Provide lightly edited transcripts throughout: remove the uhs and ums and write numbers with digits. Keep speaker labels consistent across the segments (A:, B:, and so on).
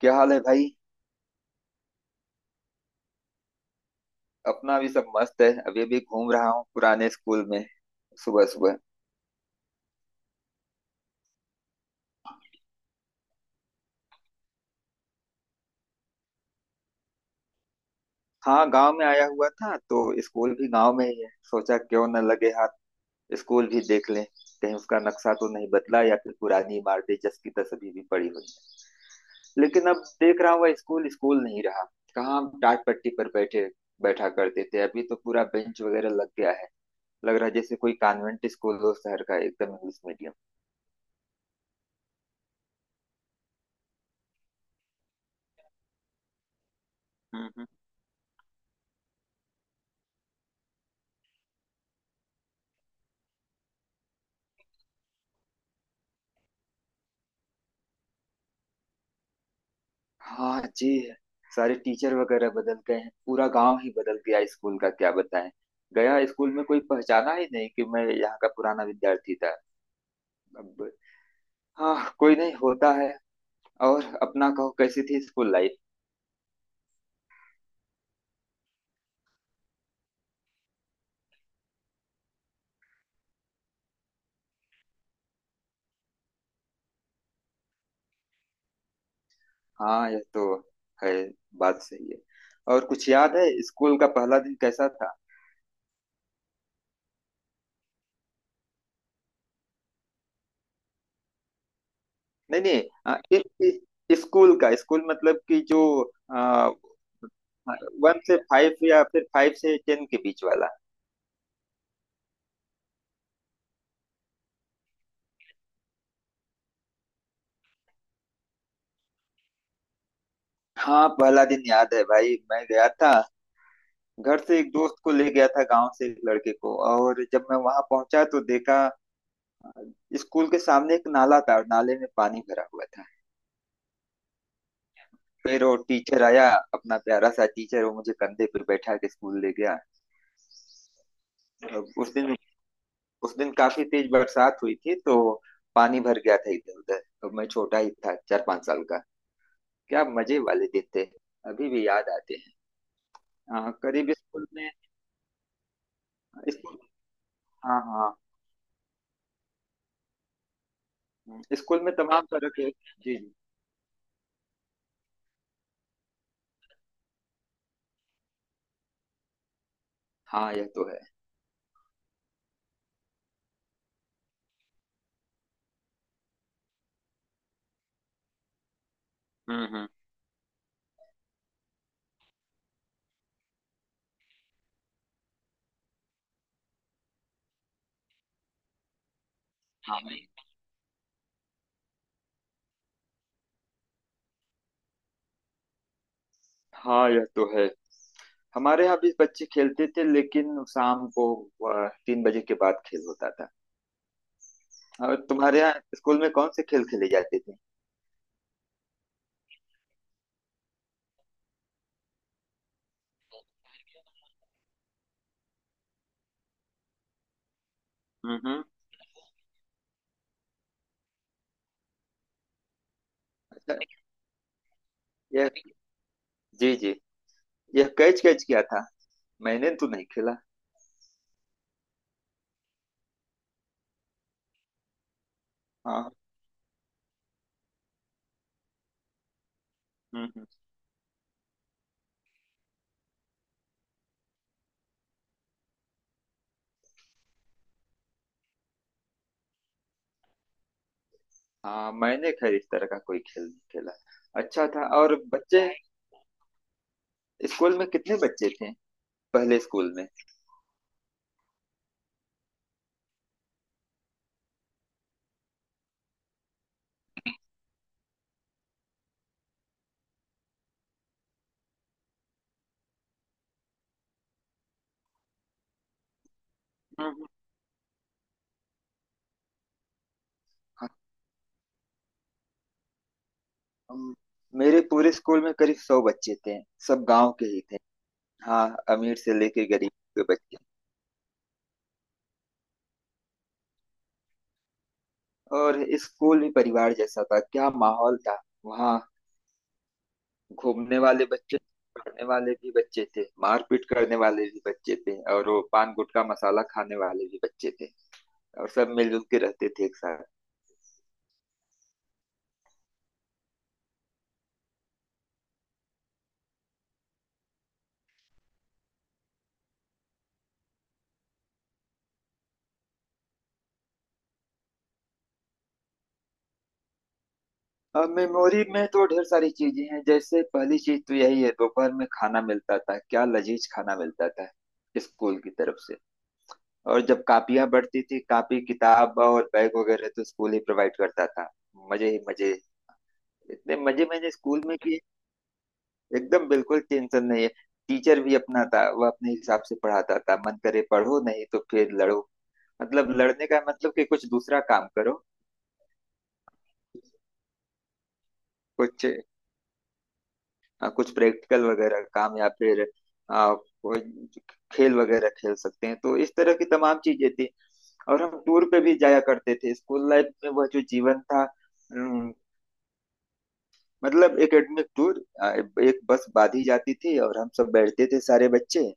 A: क्या हाल है भाई। अपना भी सब मस्त है, अभी भी घूम रहा हूँ पुराने स्कूल में, सुबह सुबह। हाँ, गांव में आया हुआ था तो स्कूल भी गांव में ही है, सोचा क्यों न लगे हाथ स्कूल भी देख लें। कहीं उसका नक्शा तो नहीं बदला या फिर पुरानी इमारतें जस की तस अभी भी पड़ी हुई है, लेकिन अब देख रहा हुआ स्कूल स्कूल नहीं रहा। कहाँ हम टाट पट्टी पर बैठे बैठा करते थे, अभी तो पूरा बेंच वगैरह लग गया है। लग रहा है जैसे कोई कॉन्वेंट स्कूल हो शहर का, एकदम इंग्लिश मीडियम। हम्म, हम्म। हाँ जी। सारे टीचर वगैरह बदल गए हैं, पूरा गांव ही बदल गया, स्कूल का क्या बताएं, गया स्कूल में कोई पहचाना ही नहीं कि मैं यहाँ का पुराना विद्यार्थी था। अब हाँ, कोई नहीं होता है। और अपना कहो, कैसी थी स्कूल लाइफ? हाँ यह तो है, बात सही है। और कुछ याद है, स्कूल का पहला दिन कैसा था? नहीं नहीं स्कूल का, स्कूल मतलब कि जो आ, वन से फाइव या फिर 5 से 10 के बीच वाला। हाँ पहला दिन याद है भाई, मैं गया था घर से, एक दोस्त को ले गया था गांव से, एक लड़के को, और जब मैं वहां पहुंचा तो देखा अ, स्कूल के सामने एक नाला था और नाले में पानी भरा हुआ था। फिर वो टीचर आया, अपना प्यारा सा टीचर, वो मुझे कंधे पे बैठा के स्कूल ले गया। अब उस दिन, उस दिन काफी तेज बरसात हुई थी तो पानी भर गया था इधर उधर, तो मैं छोटा ही था, 4-5 साल का। क्या मजे वाले दिन थे, अभी भी याद आते हैं। हाँ करीब स्कूल में स्कूल, हाँ हाँ। स्कूल में तमाम तरह के जी जी। हाँ यह तो है। हम्म, हम्म। हम। हाँ यह तो है। हमारे यहाँ भी बच्चे खेलते थे लेकिन शाम को 3 बजे के बाद खेल होता था। और तुम्हारे यहाँ स्कूल में कौन से खेल खेले जाते थे? हम्म, अच्छा, यह जी जी, यह कैच कैच किया था मैंने तो नहीं खेला। हाँ। हम्म, हम्म। हाँ मैंने खैर इस तरह का कोई खेल नहीं खेला, अच्छा था। और बच्चे स्कूल में कितने बच्चे थे, पहले स्कूल में? हम्म, हम्म। हम- मेरे पूरे स्कूल में करीब 100 बच्चे थे, सब गांव के ही थे। हाँ अमीर से लेके गरीब के बच्चे। और स्कूल भी परिवार जैसा था, क्या माहौल था वहाँ। घूमने वाले बच्चे, पढ़ने वाले भी बच्चे थे, मारपीट करने वाले भी बच्चे थे, और वो पान गुटखा मसाला खाने वाले भी बच्चे थे, और सब मिलजुल के रहते थे एक साथ। अब मेमोरी में तो ढेर सारी चीजें हैं, जैसे पहली चीज तो यही है, दोपहर में खाना मिलता था, क्या लजीज खाना मिलता था स्कूल की तरफ से। और जब कापियां बढ़ती थी, कापी किताब और बैग वगैरह तो स्कूल ही प्रोवाइड करता था, मजे ही मजे, इतने मजे मैंने स्कूल में किए। एकदम बिल्कुल टेंशन नहीं है। टीचर भी अपना था, वह अपने हिसाब से पढ़ाता था, मन करे पढ़ो नहीं तो फिर लड़ो। मतलब लड़ने का मतलब कि कुछ दूसरा काम करो, कुछ कुछ प्रैक्टिकल वगैरह काम या फिर कोई खेल वगैरह खेल सकते हैं, तो इस तरह की तमाम चीजें थी। और हम टूर पे भी जाया करते थे स्कूल लाइफ में, वह जो जीवन था। मतलब एकेडमिक टूर, एक बस बांधी जाती थी और हम सब बैठते थे सारे बच्चे,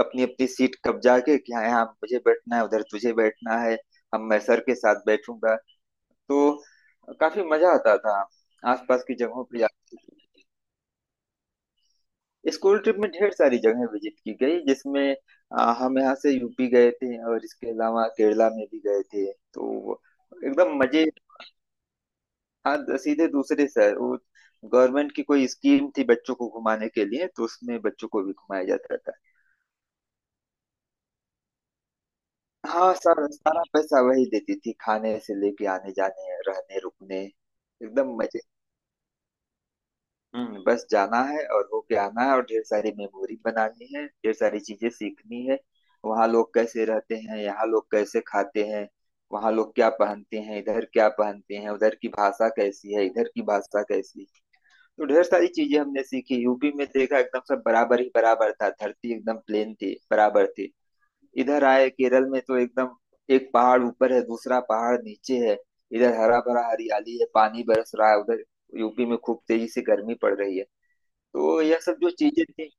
A: अपनी अपनी सीट कब्जा के कि हाँ यहाँ मुझे बैठना है, उधर तुझे बैठना है, हम मैं सर के साथ बैठूंगा, तो काफी मजा आता था, आसपास की जगहों पे जाते थे। स्कूल ट्रिप में ढेर सारी जगहें विजिट की गई, जिसमें हम यहाँ से यूपी गए थे और इसके अलावा केरला में भी गए थे, तो एकदम मजे। हाँ सीधे दूसरे शहर, वो गवर्नमेंट की कोई स्कीम थी बच्चों को घुमाने के लिए तो उसमें बच्चों को भी घुमाया जाता था। हाँ सारा सारा पैसा वही देती थी, खाने से लेके आने जाने रहने रुकने एकदम मजे। हम्म, बस जाना है और होके आना है, और ढेर सारी मेमोरी बनानी है, ढेर सारी चीजें सीखनी है। वहाँ लोग कैसे रहते हैं, यहाँ लोग कैसे खाते हैं, वहाँ लोग क्या पहनते हैं, इधर क्या पहनते हैं, उधर की भाषा कैसी है, इधर की भाषा कैसी है। तो ढेर सारी चीजें हमने सीखी, यूपी में देखा एकदम सब बराबर ही बराबर था, धरती एकदम प्लेन थी, बराबर थी। इधर आए केरल में तो एकदम एक पहाड़ ऊपर है, दूसरा पहाड़ नीचे है, इधर हरा भरा हरियाली है, पानी बरस रहा है, उधर यूपी में खूब तेजी से गर्मी पड़ रही है, तो यह सब जो चीजें थी।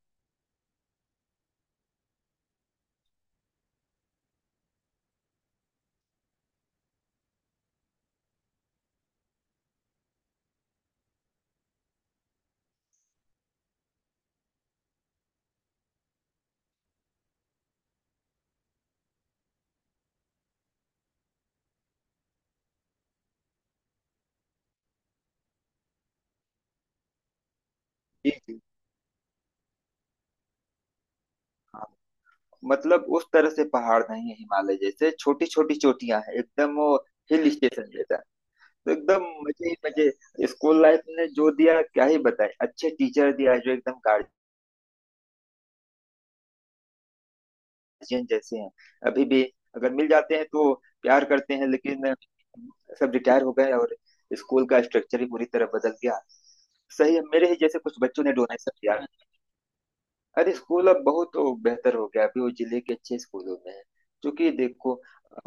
A: जी जी हाँ। मतलब उस तरह से पहाड़ नहीं है हिमालय जैसे, छोटी छोटी चोटियां हैं एकदम, वो हिल स्टेशन जैसा। तो एकदम मजे ही मजे, स्कूल लाइफ ने जो दिया क्या ही बताए, अच्छे टीचर दिया जो एकदम जिन जैसे हैं, अभी भी अगर मिल जाते हैं तो प्यार करते हैं, लेकिन सब रिटायर हो गए और स्कूल का स्ट्रक्चर ही पूरी तरह बदल गया। सही है, मेरे ही जैसे कुछ बच्चों ने डोनेशन किया। अरे स्कूल अब बहुत तो बेहतर हो गया, अभी वो जिले के अच्छे स्कूलों में है, क्योंकि देखो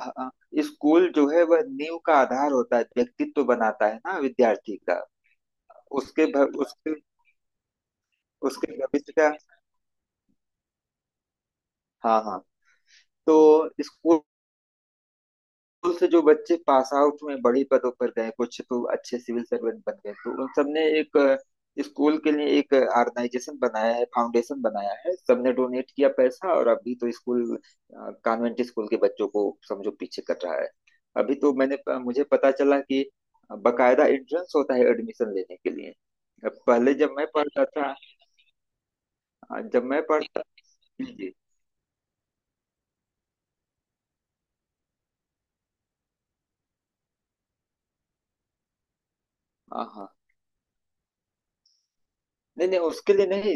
A: अ- अ, स्कूल जो है वह नींव का आधार होता है, व्यक्तित्व बनाता है ना विद्यार्थी का, उसके, उसके भविष्य का। हाँ हाँ। तो स्कूल स्कूल से जो बच्चे पास आउट में बड़ी पदों पर गए, कुछ तो अच्छे सिविल सर्वेंट बन गए, तो उन सबने एक, स्कूल के लिए एक ऑर्गेनाइजेशन बनाया है, फाउंडेशन बनाया है, सबने डोनेट किया पैसा, और अभी तो स्कूल कॉन्वेंट स्कूल के बच्चों को समझो पीछे कर रहा है। अभी तो मैंने मुझे पता चला कि बकायदा एंट्रेंस होता है एडमिशन लेने के लिए। अब पहले जब मैं पढ़ता था जब मैं पढ़ता जी जी। हाँ हाँ। नहीं नहीं उसके लिए नहीं,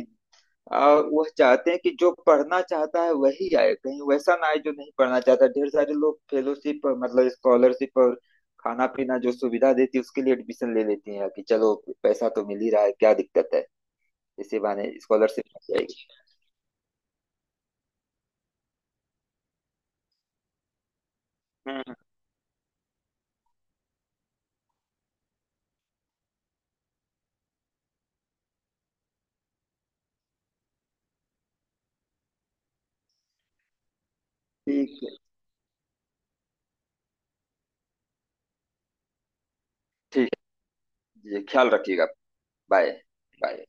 A: वह चाहते हैं कि जो पढ़ना चाहता है वही आए, कहीं वैसा ना आए जो नहीं पढ़ना चाहता, ढेर सारे लोग फेलोशिप और मतलब स्कॉलरशिप और खाना पीना जो सुविधा देती है उसके लिए एडमिशन ले लेती हैं, कि चलो पैसा तो मिल ही रहा है, क्या दिक्कत है, इसी बहाने स्कॉलरशिप मिल जाएगी। हम्म, ठीक है। ठीक है जी, ख्याल रखिएगा। Bye bye.